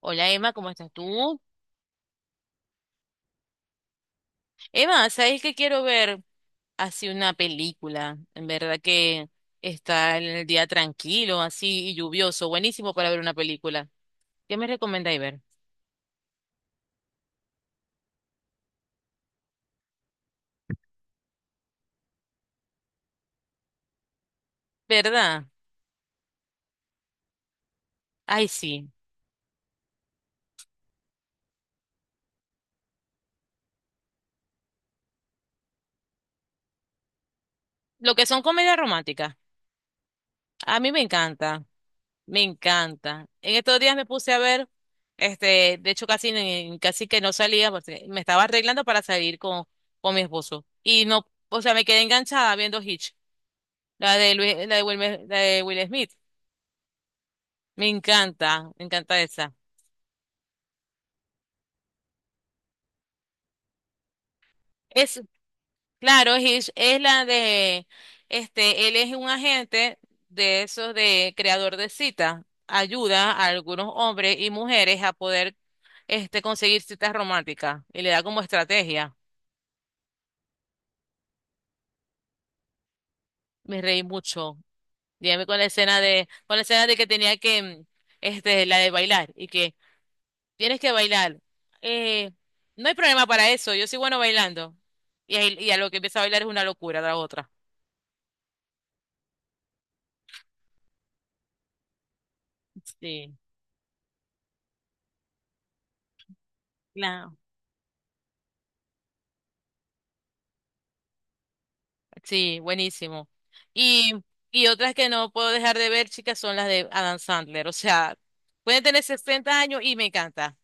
Hola Emma, ¿cómo estás tú? Emma, ¿sabes que quiero ver así una película? En verdad que está el día tranquilo, así y lluvioso, buenísimo para ver una película. ¿Qué me recomendáis ver? ¿Verdad? Ay, sí. Lo que son comedias románticas. A mí me encanta, me encanta. En estos días me puse a ver, de hecho casi, casi que no salía, porque me estaba arreglando para salir con mi esposo. Y no, o sea, me quedé enganchada viendo Hitch. La de Luis, la de Will Smith. Me encanta esa. Es, claro, es la de él es un agente de esos de creador de cita. Ayuda a algunos hombres y mujeres a poder, conseguir citas románticas y le da como estrategia. Me reí mucho. Dígame con la escena de con la escena de que tenía que, la de bailar tienes que bailar. Eh, no hay problema para eso, yo soy bueno bailando. Y, y a lo que empieza a bailar es una locura, la otra. Sí, claro. Sí, buenísimo. Y, y otras que no puedo dejar de ver, chicas, son las de Adam Sandler. O sea, pueden tener 60 años y me encanta.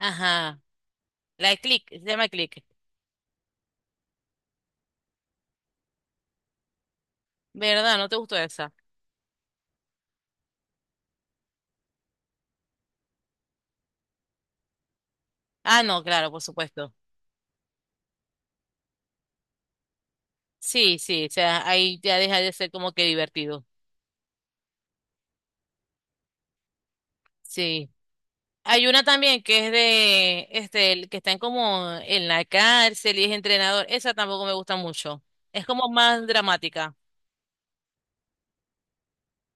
Ajá. La de Click, se llama Click. ¿Verdad? ¿No te gustó esa? Ah, no, claro, por supuesto. Sí, sí, o sea, ahí ya deja de ser como que divertido. Sí. Hay una también que es el que están como en la cárcel y es entrenador. Esa tampoco me gusta mucho. Es como más dramática.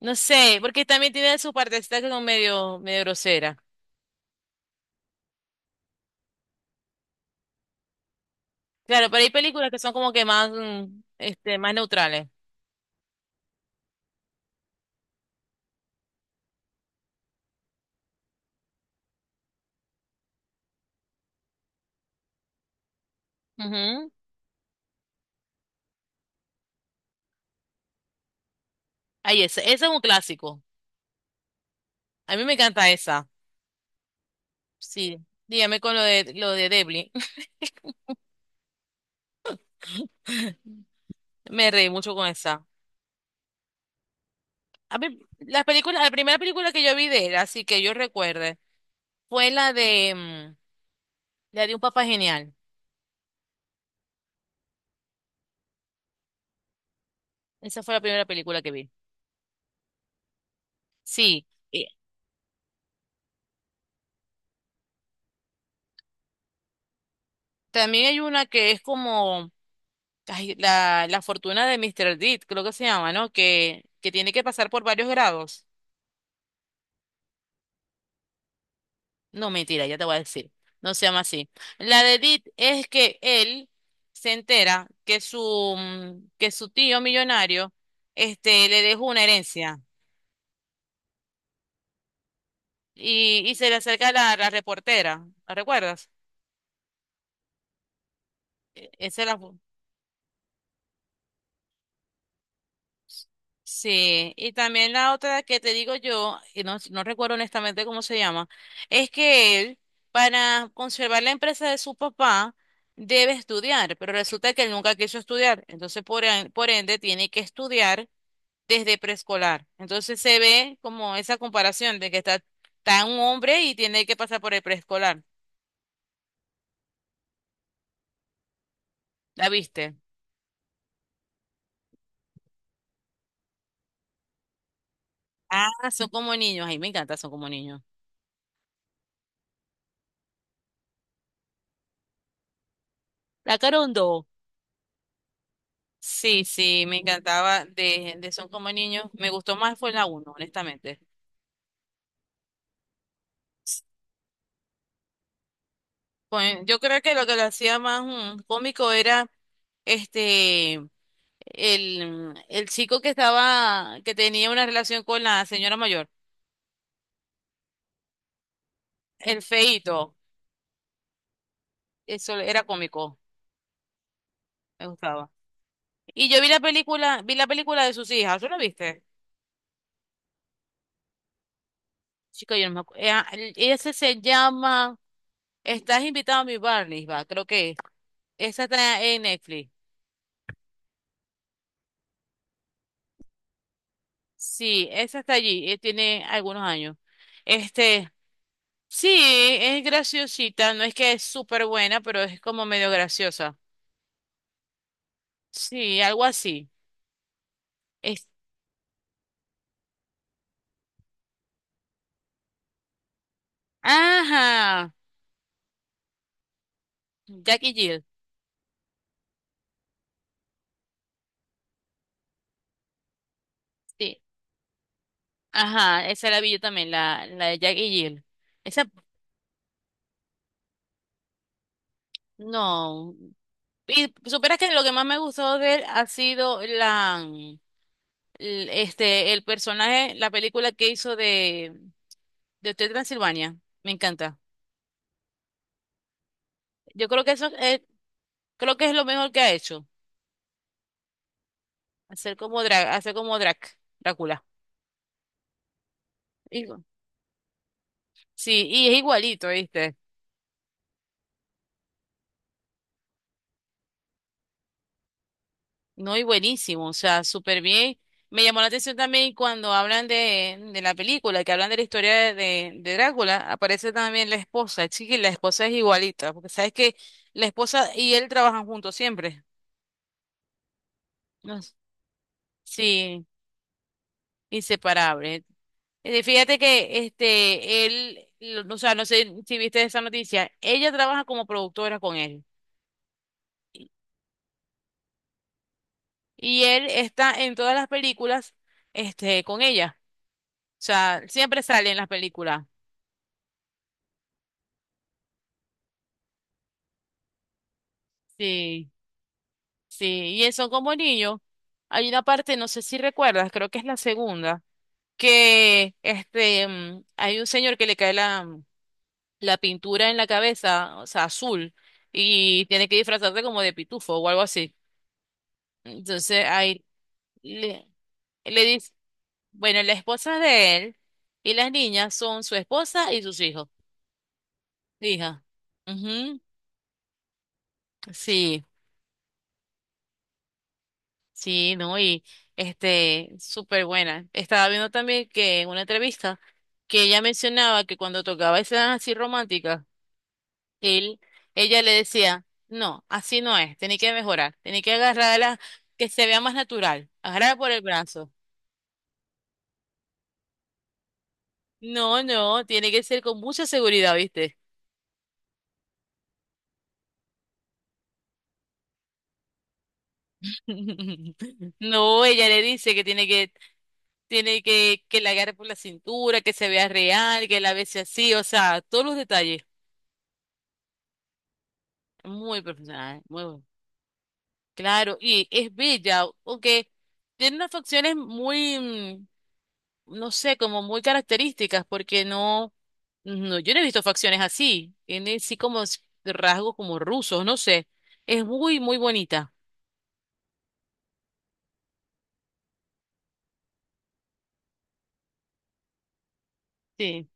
No sé, porque también tiene sus partecitas que son medio, medio grosera. Claro, pero hay películas que son como que más, más neutrales. Ujú. Ahí esa, esa es un clásico. A mí me encanta esa. Sí. Dígame con lo de Devlin. Me reí mucho con esa. A mí, las películas, la primera película que yo vi de él, así que yo recuerde. Fue la la de Un Papá Genial. Esa fue la primera película que vi. Sí, y también hay una que es como ay, la fortuna de Mr. Deed, creo que se llama, ¿no? Que tiene que pasar por varios grados. No, mentira, ya te voy a decir. No se llama así. La de Deed es que él se entera que que su tío millonario le dejó una herencia y se le acerca la, la reportera. ¿La recuerdas? Esa es la. Sí, y también la otra que te digo yo, y no, no recuerdo honestamente cómo se llama, es que él, para conservar la empresa de su papá, debe estudiar, pero resulta que él nunca quiso estudiar, entonces por ende tiene que estudiar desde preescolar. Entonces se ve como esa comparación de que está, está un hombre y tiene que pasar por el preescolar. ¿La viste? Ah, son como niños, ay, me encanta, son como niños. La carondo. Sí, sí, me encantaba de Son como niños. Me gustó más fue la uno, honestamente. Pues, yo creo que lo hacía más cómico era este el chico que estaba, que tenía una relación con la señora mayor, el feíto. Eso era cómico, me gustaba. Y yo vi la película de sus hijas, ¿tú la viste? Chica, yo no me acuerdo. Ese se llama Estás invitado a mi Barney, va, creo que es. Esa está en Netflix. Sí, esa está allí, tiene algunos años. Este, sí, es graciosita, no es que es súper buena, pero es como medio graciosa. Sí, algo así. Es, ajá, Jack y Jill. Sí, ajá, esa la vi yo también, la de Jack y Jill. Esa, no. Y supieras que lo que más me gustó de él ha sido la, mm, l- este, el personaje, la película que hizo de Hotel Transilvania. Me encanta. Yo creo que eso, creo que es lo mejor que ha hecho. Hacer como drag, Drácula. Igu- Sí, y es igualito, ¿viste? No, y buenísimo, o sea, súper bien. Me llamó la atención también cuando hablan de la película, que hablan de la historia de Drácula, aparece también la esposa, chiqui, la esposa es igualita, porque sabes que la esposa y él trabajan juntos siempre. No s- Sí, inseparable. Fíjate que o sea, no sé si viste esa noticia, ella trabaja como productora con él. Y él está en todas las películas, con ella. O sea, siempre sale en las películas. Sí, sí. Y él son como niños. Hay una parte, no sé si recuerdas, creo que es la segunda, que hay un señor que le cae la pintura en la cabeza, o sea, azul, y tiene que disfrazarse como de pitufo o algo así. Entonces, ahí le, le dice, bueno, la esposa de él y las niñas son su esposa y sus hijos. Hija. Ujú, sí, sí, ¿no? Y súper buena. Estaba viendo también que en una entrevista que ella mencionaba que cuando tocaba escenas así románticas, él, ella le decía, no, así no es, tenés que mejorar, tenés que agarrarla que se vea más natural, agarrarla por el brazo. No, no, tiene que ser con mucha seguridad, ¿viste? No, ella le dice que tiene que tiene que la agarre por la cintura, que se vea real, que la bese así, o sea, todos los detalles. Muy profesional, ¿eh? Muy bueno. Claro, y es bella, aunque tiene unas facciones muy, no sé, como muy características, porque no, no, yo no he visto facciones así. Tiene así como rasgos como rusos, no sé. Es muy, muy bonita. Sí.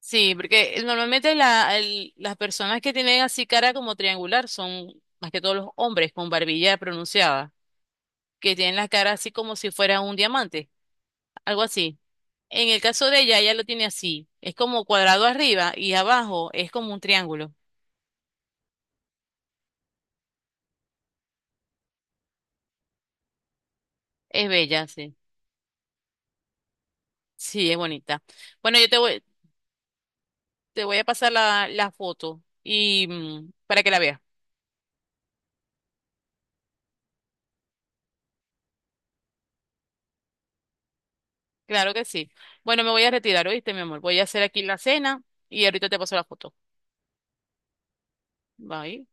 Sí, porque normalmente las personas que tienen así cara como triangular son más que todos los hombres con barbilla pronunciada, que tienen la cara así como si fuera un diamante, algo así. En el caso de ella, ella lo tiene así, es como cuadrado arriba y abajo es como un triángulo. Es bella, sí. Sí, es bonita. Bueno, te voy a pasar la foto y para que la veas. Claro que sí. Bueno, me voy a retirar, ¿oíste, mi amor? Voy a hacer aquí la cena y ahorita te paso la foto. Bye.